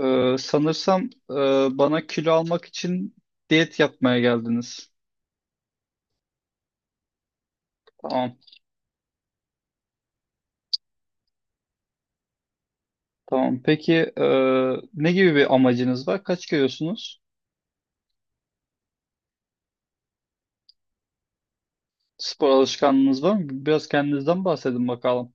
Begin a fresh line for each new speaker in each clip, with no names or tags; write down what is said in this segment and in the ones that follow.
Sanırsam bana kilo almak için diyet yapmaya geldiniz. Tamam, tamam. Peki, ne gibi bir amacınız var? Kaç kilosunuz? Spor alışkanlığınız var mı? Biraz kendinizden bahsedin bakalım.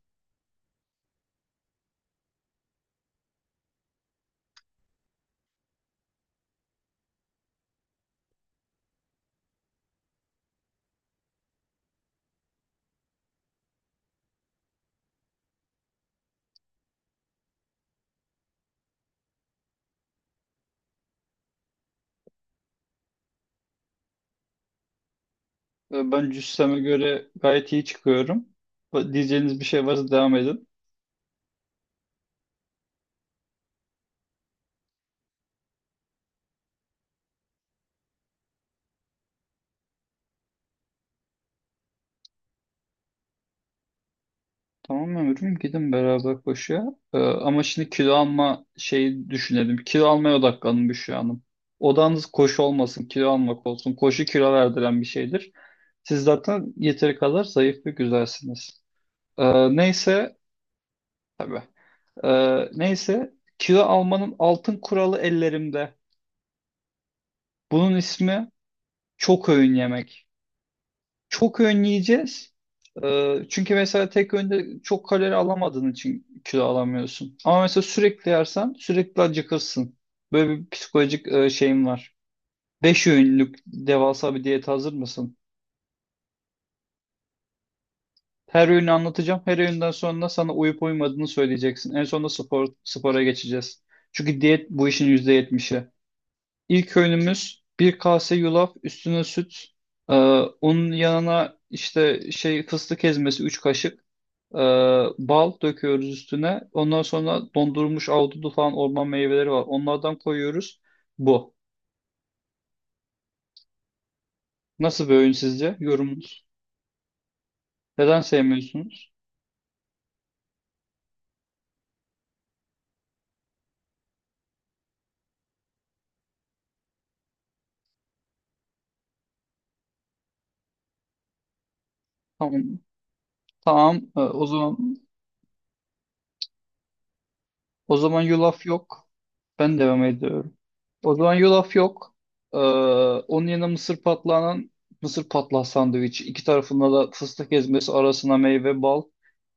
Ben cüsseme göre gayet iyi çıkıyorum. Diyeceğiniz bir şey varsa devam edin. Tamam ömrüm, gidin beraber koşuya. Ama şimdi kilo alma şeyi düşünelim. Kilo almaya odaklanın, Büşra Hanım. Odanız koşu olmasın, kilo almak olsun. Koşu kilo verdiren bir şeydir. Siz zaten yeteri kadar zayıf ve güzelsiniz. Ee, neyse, e, neyse, kilo almanın altın kuralı ellerimde. Bunun ismi çok öğün yemek. Çok önleyeceğiz. Çünkü mesela tek öğünde çok kalori alamadığın için kilo alamıyorsun. Ama mesela sürekli yersen sürekli acıkırsın. Böyle bir psikolojik şeyim var. Beş öğünlük devasa bir diyete hazır mısın? Her öğünü anlatacağım. Her öğünden sonra sana uyup uymadığını söyleyeceksin. En sonunda spora geçeceğiz. Çünkü diyet bu işin %70'i. İlk öğünümüz bir kase yulaf, üstüne süt. Ee, Onun yanına işte şey fıstık ezmesi 3 kaşık. Ee, Bal döküyoruz üstüne. Ondan sonra dondurulmuş ahududu falan orman meyveleri var. Onlardan koyuyoruz. Bu. Nasıl bir öğün sizce? Yorumunuz. Neden sevmiyorsunuz? Tamam. Tamam. O zaman, o zaman yulaf yok. Ben devam ediyorum. O zaman yulaf yok. Ee, Onun yanına mısır patlağı sandviç. İki tarafında da fıstık ezmesi arasına meyve bal.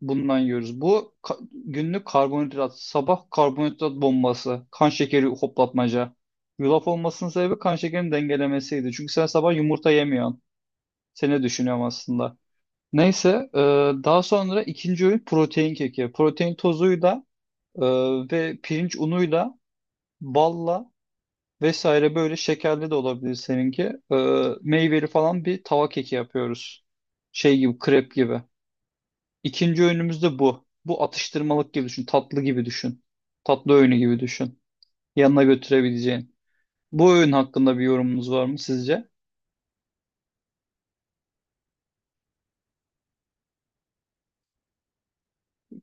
Bundan yiyoruz. Günlük karbonhidrat. Sabah karbonhidrat bombası. Kan şekeri hoplatmaca. Yulaf olmasının sebebi kan şekerini dengelemesiydi. Çünkü sen sabah yumurta yemiyorsun. Seni düşünüyorum aslında. Neyse, daha sonra ikinci öğün protein keki. Protein tozuyla ee, ve pirinç unuyla, balla vesaire, böyle şekerli de olabilir seninki. Meyveli falan bir tava keki yapıyoruz. Şey gibi, krep gibi. İkinci öğünümüz de bu. Bu atıştırmalık gibi düşün, tatlı gibi düşün. Tatlı öğünü gibi düşün. Yanına götürebileceğin. Bu öğün hakkında bir yorumunuz var mı sizce?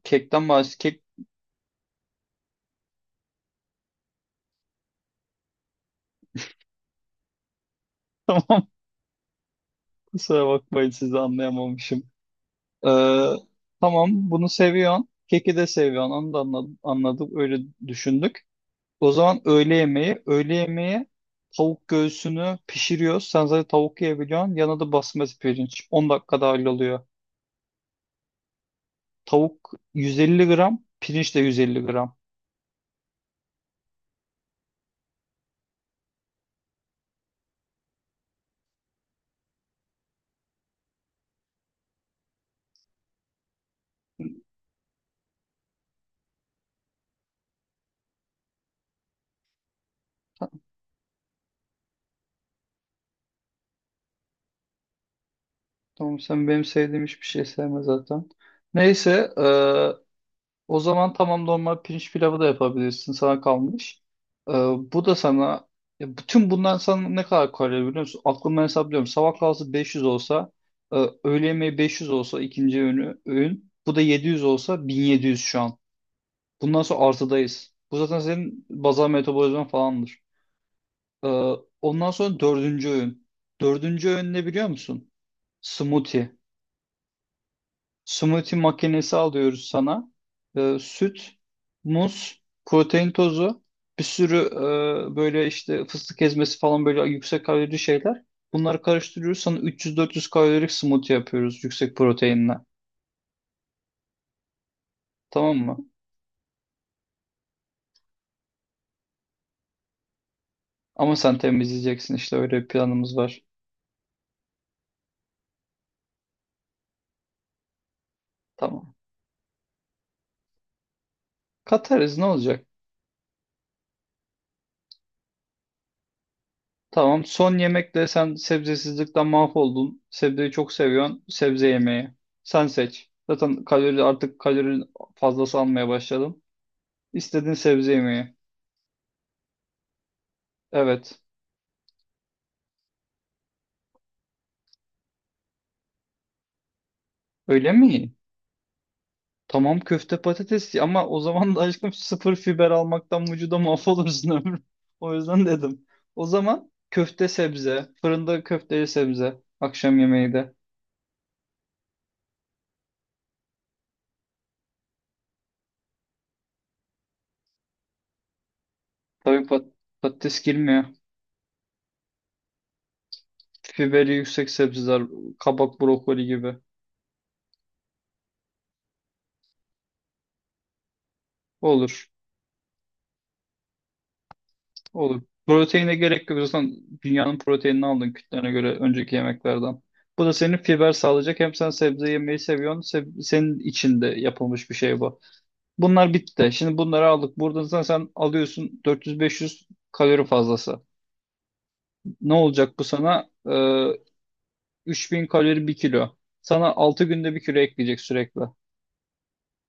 Kek, kusura bakmayın, sizi anlayamamışım. Ee, tamam, bunu seviyorsun. Keki de seviyorsun. Onu da anladım, anladık. Öyle düşündük. O zaman öğle yemeği. Öğle yemeği tavuk göğsünü pişiriyoruz. Sen zaten tavuk yiyebiliyorsun. Yanına da basmati pirinç. 10 dakikada halloluyor. Tavuk 150 gram. Pirinç de 150 gram. Tamam, sen benim sevdiğim hiçbir şey sevme zaten. Neyse, o zaman tamam, normal pirinç pilavı da yapabilirsin. Sana kalmış. Ee, Bu da sana, ya bütün bundan sana ne kadar kalori biliyor musun? Aklımdan hesaplıyorum. Sabah kahvaltısı 500 olsa, öğle yemeği 500 olsa, ikinci öğünü öğün. Bu da 700 olsa, 1700 şu an. Bundan sonra artıdayız. Bu zaten senin bazal metabolizman falandır. Ee, Ondan sonra dördüncü öğün. Dördüncü öğün ne biliyor musun? Smoothie. Smoothie makinesi alıyoruz sana. Süt, muz, protein tozu, bir sürü böyle işte fıstık ezmesi falan böyle yüksek kalorili şeyler. Bunları karıştırıyoruz. Sana 300-400 kalorilik smoothie yapıyoruz yüksek proteinle. Tamam mı? Ama sen temizleyeceksin, işte öyle bir planımız var. Tamam. Katarız, ne olacak? Tamam. Son yemekte sen sebzesizlikten mahvoldun. Sebzeyi çok seviyorsun. Sebze yemeği. Sen seç. Zaten artık kalori fazlası almaya başladım. İstediğin sebze yemeği. Evet. Öyle mi? Tamam, köfte patates, ama o zaman da aşkım sıfır fiber almaktan vücuda mahvolursun ömrüm. O yüzden dedim. O zaman köfte sebze. Fırında köfteli sebze. Akşam yemeği de. Tabii patates girmiyor. Fiberi yüksek sebzeler. Kabak, brokoli gibi. Olur. Olur. Proteine gerek yok. Zaten dünyanın proteinini aldın kütlene göre önceki yemeklerden. Bu da senin fiber sağlayacak. Hem sen sebze yemeyi seviyorsun. Senin içinde yapılmış bir şey bu. Bunlar bitti. Şimdi bunları aldık. Buradan sen alıyorsun 400-500 kalori fazlası. Ne olacak bu sana? 3.000 kalori bir kilo. Sana 6 günde bir kilo ekleyecek sürekli.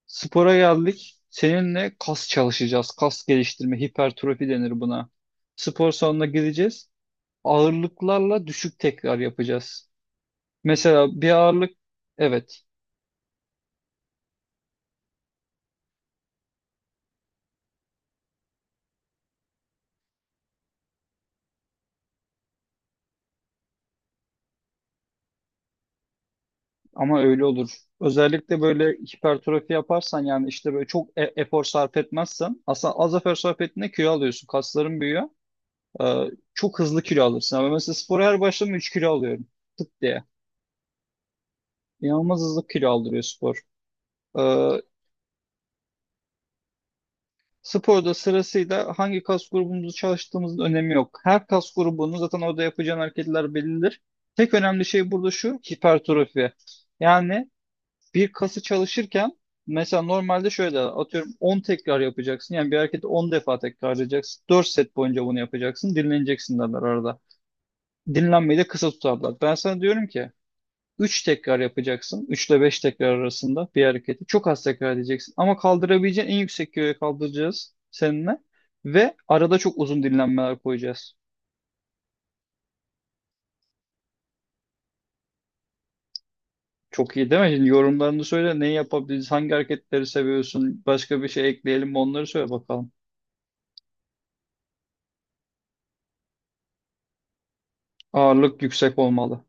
Spora geldik. Seninle kas çalışacağız. Kas geliştirme, hipertrofi denir buna. Spor salonuna gideceğiz. Ağırlıklarla düşük tekrar yapacağız. Mesela bir ağırlık, evet, ama öyle olur. Özellikle böyle hipertrofi yaparsan, yani işte böyle çok efor sarf etmezsen, aslında az efor sarf ettiğinde kilo alıyorsun. Kasların büyüyor. Ee, Çok hızlı kilo alırsın. Ama mesela spora her başladığımda 3 kilo alıyorum. Tık diye. İnanılmaz hızlı kilo aldırıyor spor. Ee, Sporda sırasıyla hangi kas grubumuzu çalıştığımızın önemi yok. Her kas grubunun zaten orada yapacağın hareketler bellidir. Tek önemli şey burada şu hipertrofi. Yani bir kası çalışırken mesela normalde şöyle atıyorum 10 tekrar yapacaksın. Yani bir hareketi 10 defa tekrarlayacaksın. 4 set boyunca bunu yapacaksın. Dinleneceksin derler arada. Dinlenmeyi de kısa tutarlar. Ben sana diyorum ki 3 tekrar yapacaksın. 3 ile 5 tekrar arasında bir hareketi. Çok az tekrar edeceksin. Ama kaldırabileceğin en yüksek kiloya kaldıracağız seninle. Ve arada çok uzun dinlenmeler koyacağız. Çok iyi değil mi? Şimdi yorumlarını söyle. Neyi yapabiliriz? Hangi hareketleri seviyorsun? Başka bir şey ekleyelim mi? Onları söyle bakalım. Ağırlık yüksek olmalı.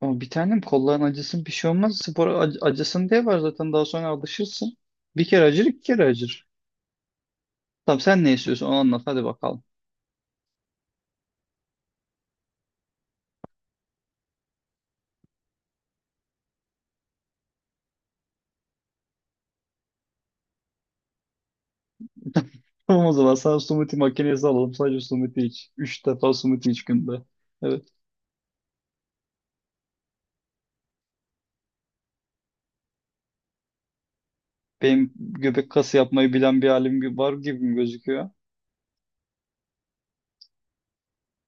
Ama bir tanem, kolların acısın, bir şey olmaz. Spor acısın diye var zaten, daha sonra alışırsın. Bir kere acır, iki kere acır. Tamam, sen ne istiyorsun onu anlat hadi bakalım. Tamam, o zaman sana smoothie makinesi alalım. Sadece smoothie iç. 3 defa smoothie iç günde. Evet. Benim göbek kası yapmayı bilen bir halim gibi var gibi mi gözüküyor?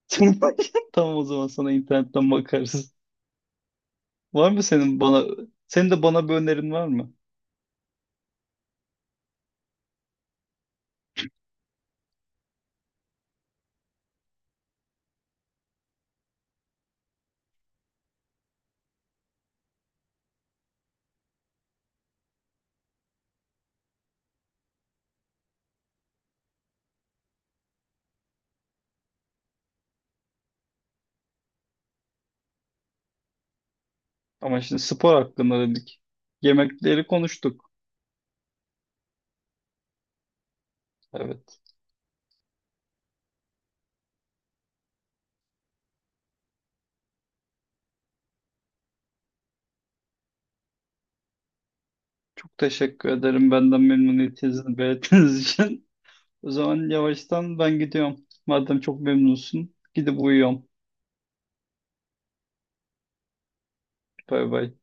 Tamam, o zaman sana internetten bakarız. Var mı senin bana Senin de bana bir önerin var mı? Ama şimdi spor hakkında dedik. Yemekleri konuştuk. Evet. Çok teşekkür ederim benden memnuniyetinizi belirttiğiniz için. O zaman yavaştan ben gidiyorum. Madem çok memnunsun gidip uyuyorum. Bay bay.